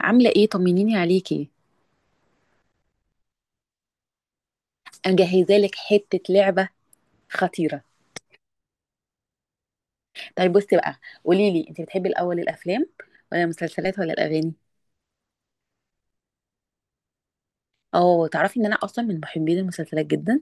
عاملة ايه؟ طمنيني عليكي. انا جاهزة لك حتة لعبة خطيرة. طيب بصي بقى، قولي لي انت بتحبي الاول؟ الافلام ولا المسلسلات ولا الاغاني؟ اه، تعرفي ان انا اصلا من محبين المسلسلات جدا.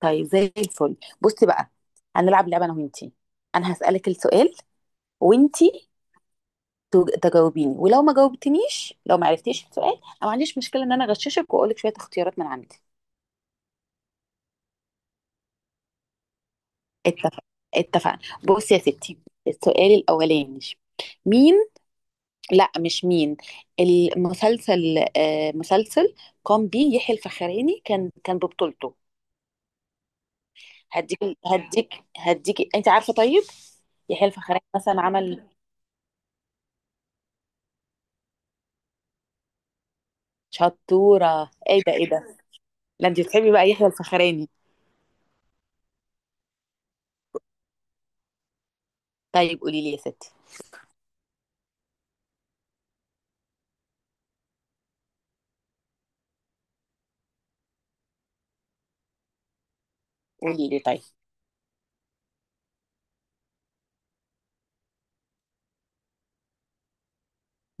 طيب زي الفل. بصي بقى، هنلعب لعبة انا وانتي. انا هسألك السؤال وانتي تجاوبيني، ولو ما جاوبتنيش، لو ما عرفتيش السؤال، انا ما عنديش مشكلة ان انا اغششك واقولك شوية اختيارات من عندي. اتفق، اتفقنا. بصي يا ستي، السؤال الاولاني، مين. لا مش مين، المسلسل. مسلسل قام بيه يحيى الفخراني، كان ببطولته. هديك، هديك انت عارفه؟ طيب، يحيى الفخراني مثلا عمل. شطوره! ايه ده ايه ده. لا انت بتحبي بقى يحيى الفخراني؟ طيب قولي لي يا ستي. قولي لي طيب،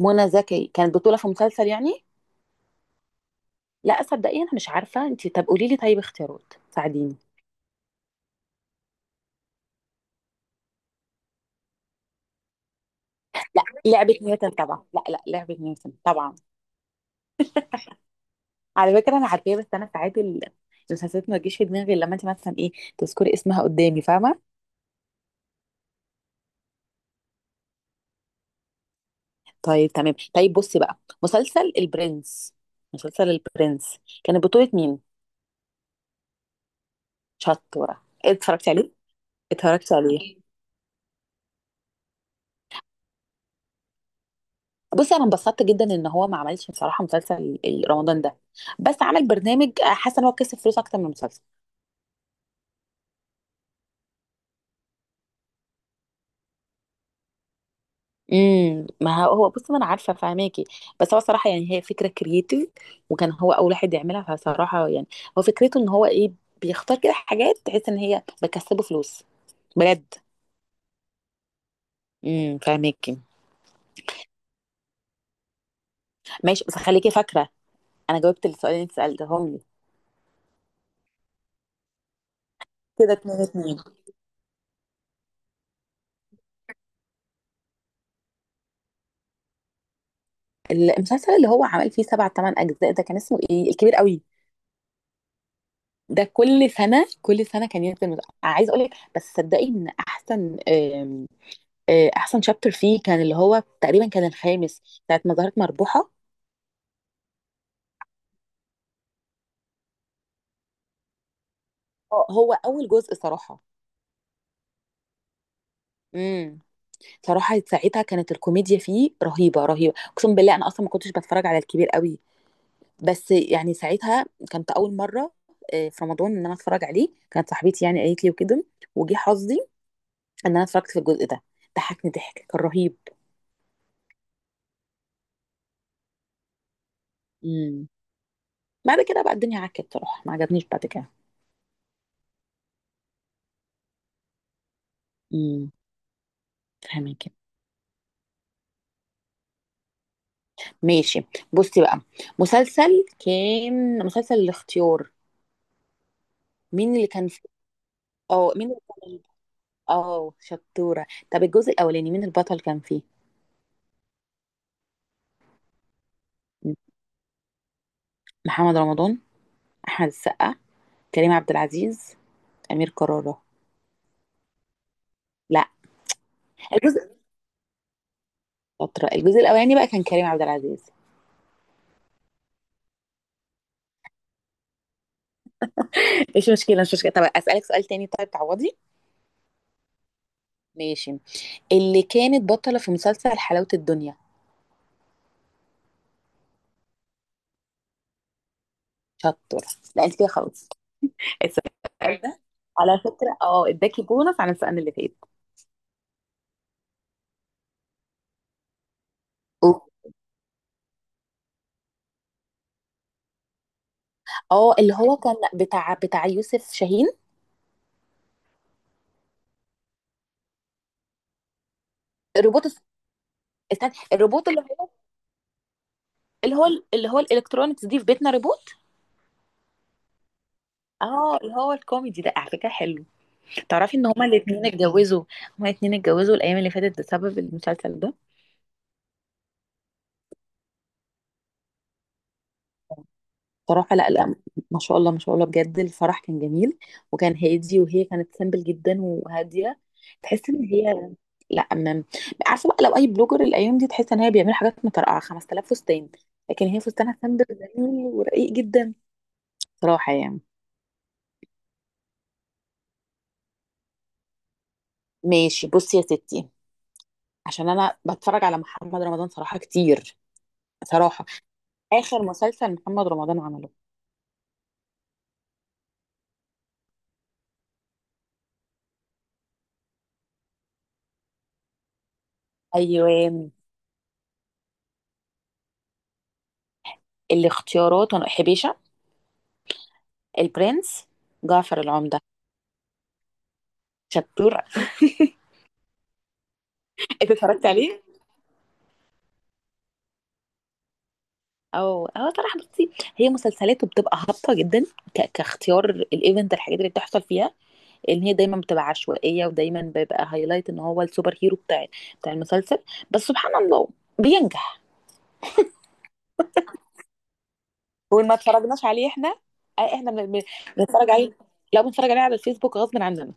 منى زكي كانت بطوله في مسلسل يعني. لا صدقيني انا مش عارفه، انت طب قولي لي طيب اختيارات، ساعديني. لا، لعبه نيوتن طبعا. لا لعبه نيوتن طبعا. على فكرة أنا عارفاه، بس أنا ساعات المسلسلات ما تجيش في دماغي إلا لما أنت مثلا إيه، تذكري اسمها قدامي، فاهمة؟ طيب تمام. طيب بصي بقى، مسلسل البرنس، مسلسل البرنس كان بطولة مين؟ شطورة! اتفرجتي عليه؟ اتفرجت عليه. بصي أنا انبسطت جدا إن هو ما عملش بصراحة مسلسل رمضان ده، بس عمل برنامج. حاسة إن هو كسب فلوس أكتر من المسلسل. ما هو هو بص، ما انا عارفه فاهماكي. بس هو صراحه يعني هي فكره كرييتيف، وكان هو اول واحد يعملها، فصراحه يعني هو فكرته ان هو ايه، بيختار كده حاجات تحس ان هي بتكسبه فلوس بجد. فاهماكي. ماشي، بس خليكي فاكره انا جاوبت السؤال اللي انت سالتهم لي. كده اتنين اتنين. المسلسل اللي هو عمل فيه سبع تمن اجزاء ده كان اسمه ايه؟ الكبير قوي. ده كل سنه كل سنه كان ينزل عايز اقول لك، بس صدقي ان احسن، احسن شابتر فيه كان اللي هو تقريبا كان الخامس، ساعه ما ظهرت مربوحه. هو اول جزء صراحه. امم صراحه ساعتها كانت الكوميديا فيه رهيبه رهيبه، اقسم بالله انا اصلا ما كنتش بتفرج على الكبير قوي، بس يعني ساعتها كانت اول مره في رمضان ان انا اتفرج عليه، كانت صاحبتي يعني قالت لي وكده، وجي حظي ان انا اتفرجت في الجزء ده، ضحكني ضحك كان رهيب. امم بعد كده بقى الدنيا عكت بصراحه، ما عجبنيش بعد كده. امم فاهمك. ماشي، بصي بقى، مسلسل كان، مسلسل الاختيار، مين اللي كان فيه؟ اه، مين اللي كان؟ اه، شطورة. طب الجزء الأولاني مين البطل كان فيه؟ محمد رمضان، أحمد السقا، كريم عبد العزيز، أمير كرارة؟ لا، الجزء. شاطرة، الجزء الأولاني بقى كان كريم عبد العزيز. مش مشكلة مش مشكلة. طب أسألك سؤال تاني، طيب تعوضي. ماشي. اللي كانت بطلة في مسلسل حلاوة الدنيا؟ شطورة! لا انت كده خلاص. السؤال ده، على فكرة اه اداكي بونص عن السؤال اللي فات. أوك. اه اللي هو كان بتاع يوسف شاهين. روبوت الس- استنى، الروبوت اللي هو، اللي هو، اللي هو الالكترونكس دي في بيتنا روبوت. اه، اللي هو الكوميدي ده، على فكره حلو. تعرفي ان هما الاثنين اتجوزوا؟ هما الاثنين اتجوزوا الايام اللي فاتت بسبب المسلسل ده. صراحة لا لا، ما شاء الله ما شاء الله، بجد الفرح كان جميل. وكان هادي، وهي كانت سامبل جدا وهادية، تحس ان هي، لا أمام، عارفة بقى لو اي بلوجر الايام دي تحس ان هي بيعمل حاجات مترقعة، 5,000 فستان، لكن هي فستانها سامبل جميل ورقيق جدا، صراحة يعني. ماشي، بصي يا ستي، عشان انا بتفرج على محمد رمضان صراحة كتير، صراحة اخر مسلسل محمد رمضان عمله؟ ايوه. الاختيارات حبيشة، البرنس، جعفر العمدة. شطور! انت اتفرجت عليه؟ او اه صراحه بصي، هي مسلسلاته بتبقى هابطه جدا، كاختيار الايفنت، الحاجات اللي بتحصل فيها ان هي دايما بتبقى عشوائيه، ودايما بيبقى هايلايت ان هو السوبر هيرو بتاع المسلسل، بس سبحان الله بينجح. وإن ما اتفرجناش عليه احنا، احنا بنتفرج عليه. لو بنتفرج عليه على الفيسبوك غصب عننا،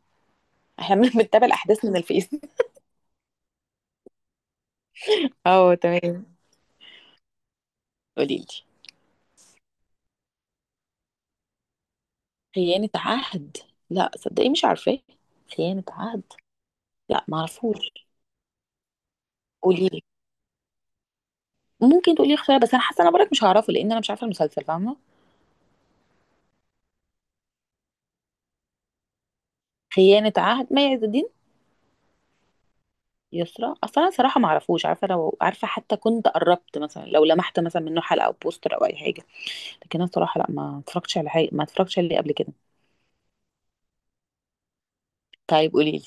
احنا بنتابع الاحداث من الفيس. اه تمام. قولي لي. خيانه عهد؟ لا صدقي مش عارفاه، خيانه عهد. لا معرفوش. قولي لي، ممكن تقولي اختيار بس انا حاسه انا برك مش هعرفه، لان انا مش عارفه المسلسل، فاهمه؟ خيانه عهد، مي عز الدين. يسرا؟ اصلا انا صراحه ما اعرفوش، عارفه لو عارفه حتى كنت قربت مثلا، لو لمحت مثلا منه حلقه او بوستر او اي حاجه، لكن انا صراحه لا، ما اتفرجتش على حاجه، ما اتفرجتش عليه قبل كده. طيب قولي لي.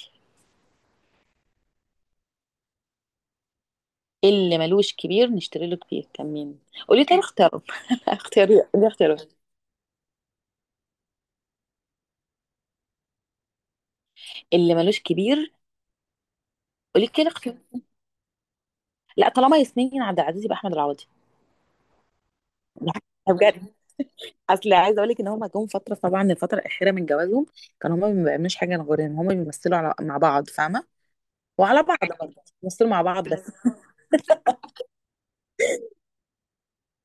إيه اللي ملوش كبير؟ نشتري له كبير. كان مين؟ قولي طيب اختاره. لا اختياري، قولي اختياري. اللي ملوش كبير. قولي كده اختيار. لا، طالما ياسمين عبد العزيز يبقى احمد العوضي. لا بجد، اصل عايزه اقول لك ان هما جم فتره، طبعا الفتره الاخيره من جوازهم كانوا هما ما بيعملوش حاجه غير ان هما بيمثلوا على مع بعض، فاهمه؟ وعلى بعض برضه بيمثلوا مع بعض بس.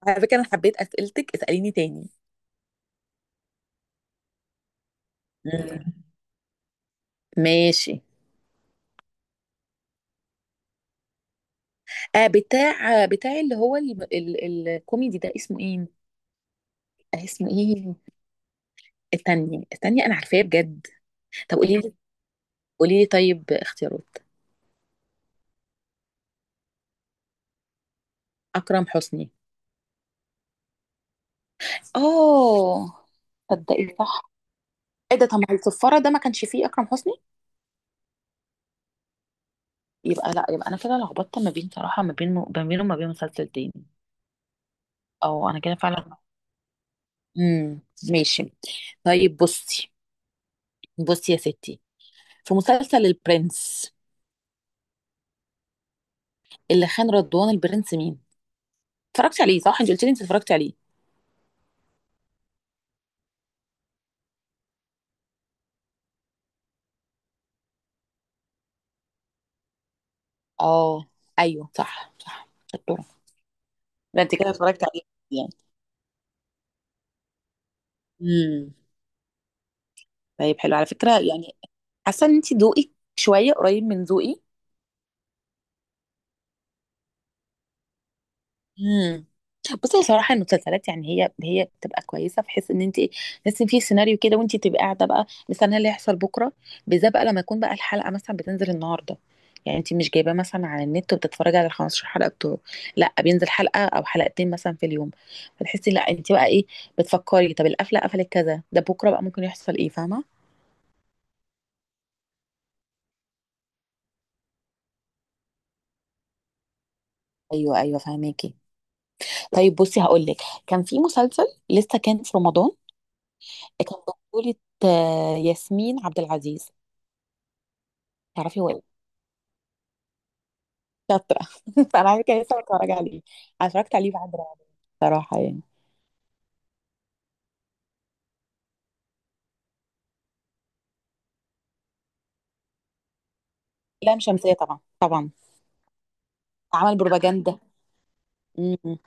على فكره انا حبيت اسئلتك، اساليني تاني. مم. ماشي. آه بتاع، بتاع اللي هو ال... ال... الكوميدي ده، اسمه ايه؟ آه اسمه ايه؟ التانية التانية، انا عارفاه بجد. طب قولي لي، قولي لي طيب اختيارات. اكرم حسني. اه. تصدقي صح! ايه ده، طب ما الصفاره ده ما كانش فيه اكرم حسني، يبقى لا، يبقى انا كده لخبطت ما بين صراحه، ما بين، ما بينه وما بين مسلسل تاني. او انا كده فعلا. امم ماشي. طيب بصي، بصي يا ستي، في مسلسل البرنس، اللي خان رضوان البرنس مين؟ اتفرجتي عليه صح، انت قلت لي انت اتفرجتي عليه. اه ايوه صح صح، شطوره. ده انت كده اتفرجتي عليه يعني. امم طيب حلو على فكره يعني، حاسه ان انت ذوقك شويه قريب من ذوقي. امم بصي صراحه المسلسلات يعني، هي بتبقى كويسه في حيث ان انت ايه، بس في سيناريو كده وانت تبقى قاعده بقى مستنيه اللي هيحصل بكره، بالذات بقى لما يكون بقى الحلقه مثلا بتنزل النهارده، يعني انت مش جايباه مثلا على النت وبتتفرجي على ال 15 حلقه بتوعه، لا بينزل حلقه او حلقتين مثلا في اليوم، فتحسي لا انت بقى ايه، بتفكري طب القفله قفلت كذا ده بكره بقى ممكن يحصل ايه، فاهمه؟ ايوه ايوه فاهماكي. طيب بصي هقول لك، كان في مسلسل لسه كان في رمضان، كان بطولة ياسمين عبد العزيز. تعرفي هو ايه؟ شاطرة فانا عايزة كده لسه بتفرج عليه، انا اتفرجت عليه بعد رعب بصراحة يعني. لام شمسية طبعا طبعا، عمل بروباجندا. امم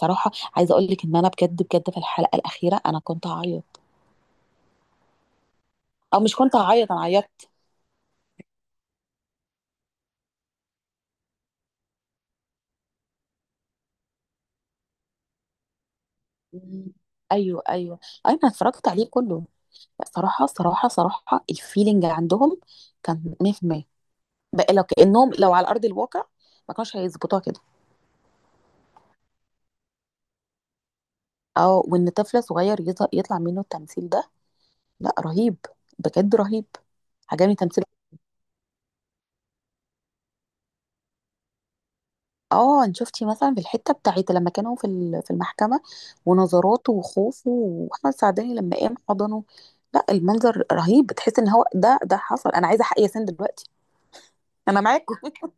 صراحة، عايزة اقول لك ان انا بجد بجد في الحلقة الأخيرة انا كنت هعيط، او مش كنت هعيط، انا عيطت. مم. ايوه ايوه. أيوة، انا اتفرجت عليه كله. لا، صراحة صراحة صراحة الفيلينج عندهم كان 100%، بقى لو كأنهم لو على أرض الواقع ما كانوش هيظبطوها كده. اه، وان طفل صغير يطلع منه التمثيل ده، لا رهيب، بجد رهيب. عجبني تمثيله. اه انت شفتي مثلا في الحته بتاعت لما كانوا في في المحكمه، ونظراته وخوفه، واحمد سعداني لما قام حضنه، لا المنظر رهيب، بتحس ان هو ده حصل، انا عايزه حق ياسين دلوقتي. انا معاكم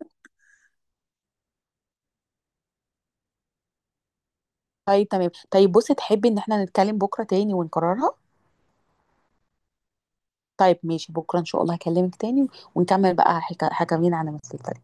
طيب تمام، طيب بصي، تحبي ان احنا نتكلم بكره تاني ونكررها؟ طيب ماشي، بكره ان شاء الله هكلمك تاني، ونكمل بقى حكاوينا عن المسلسل.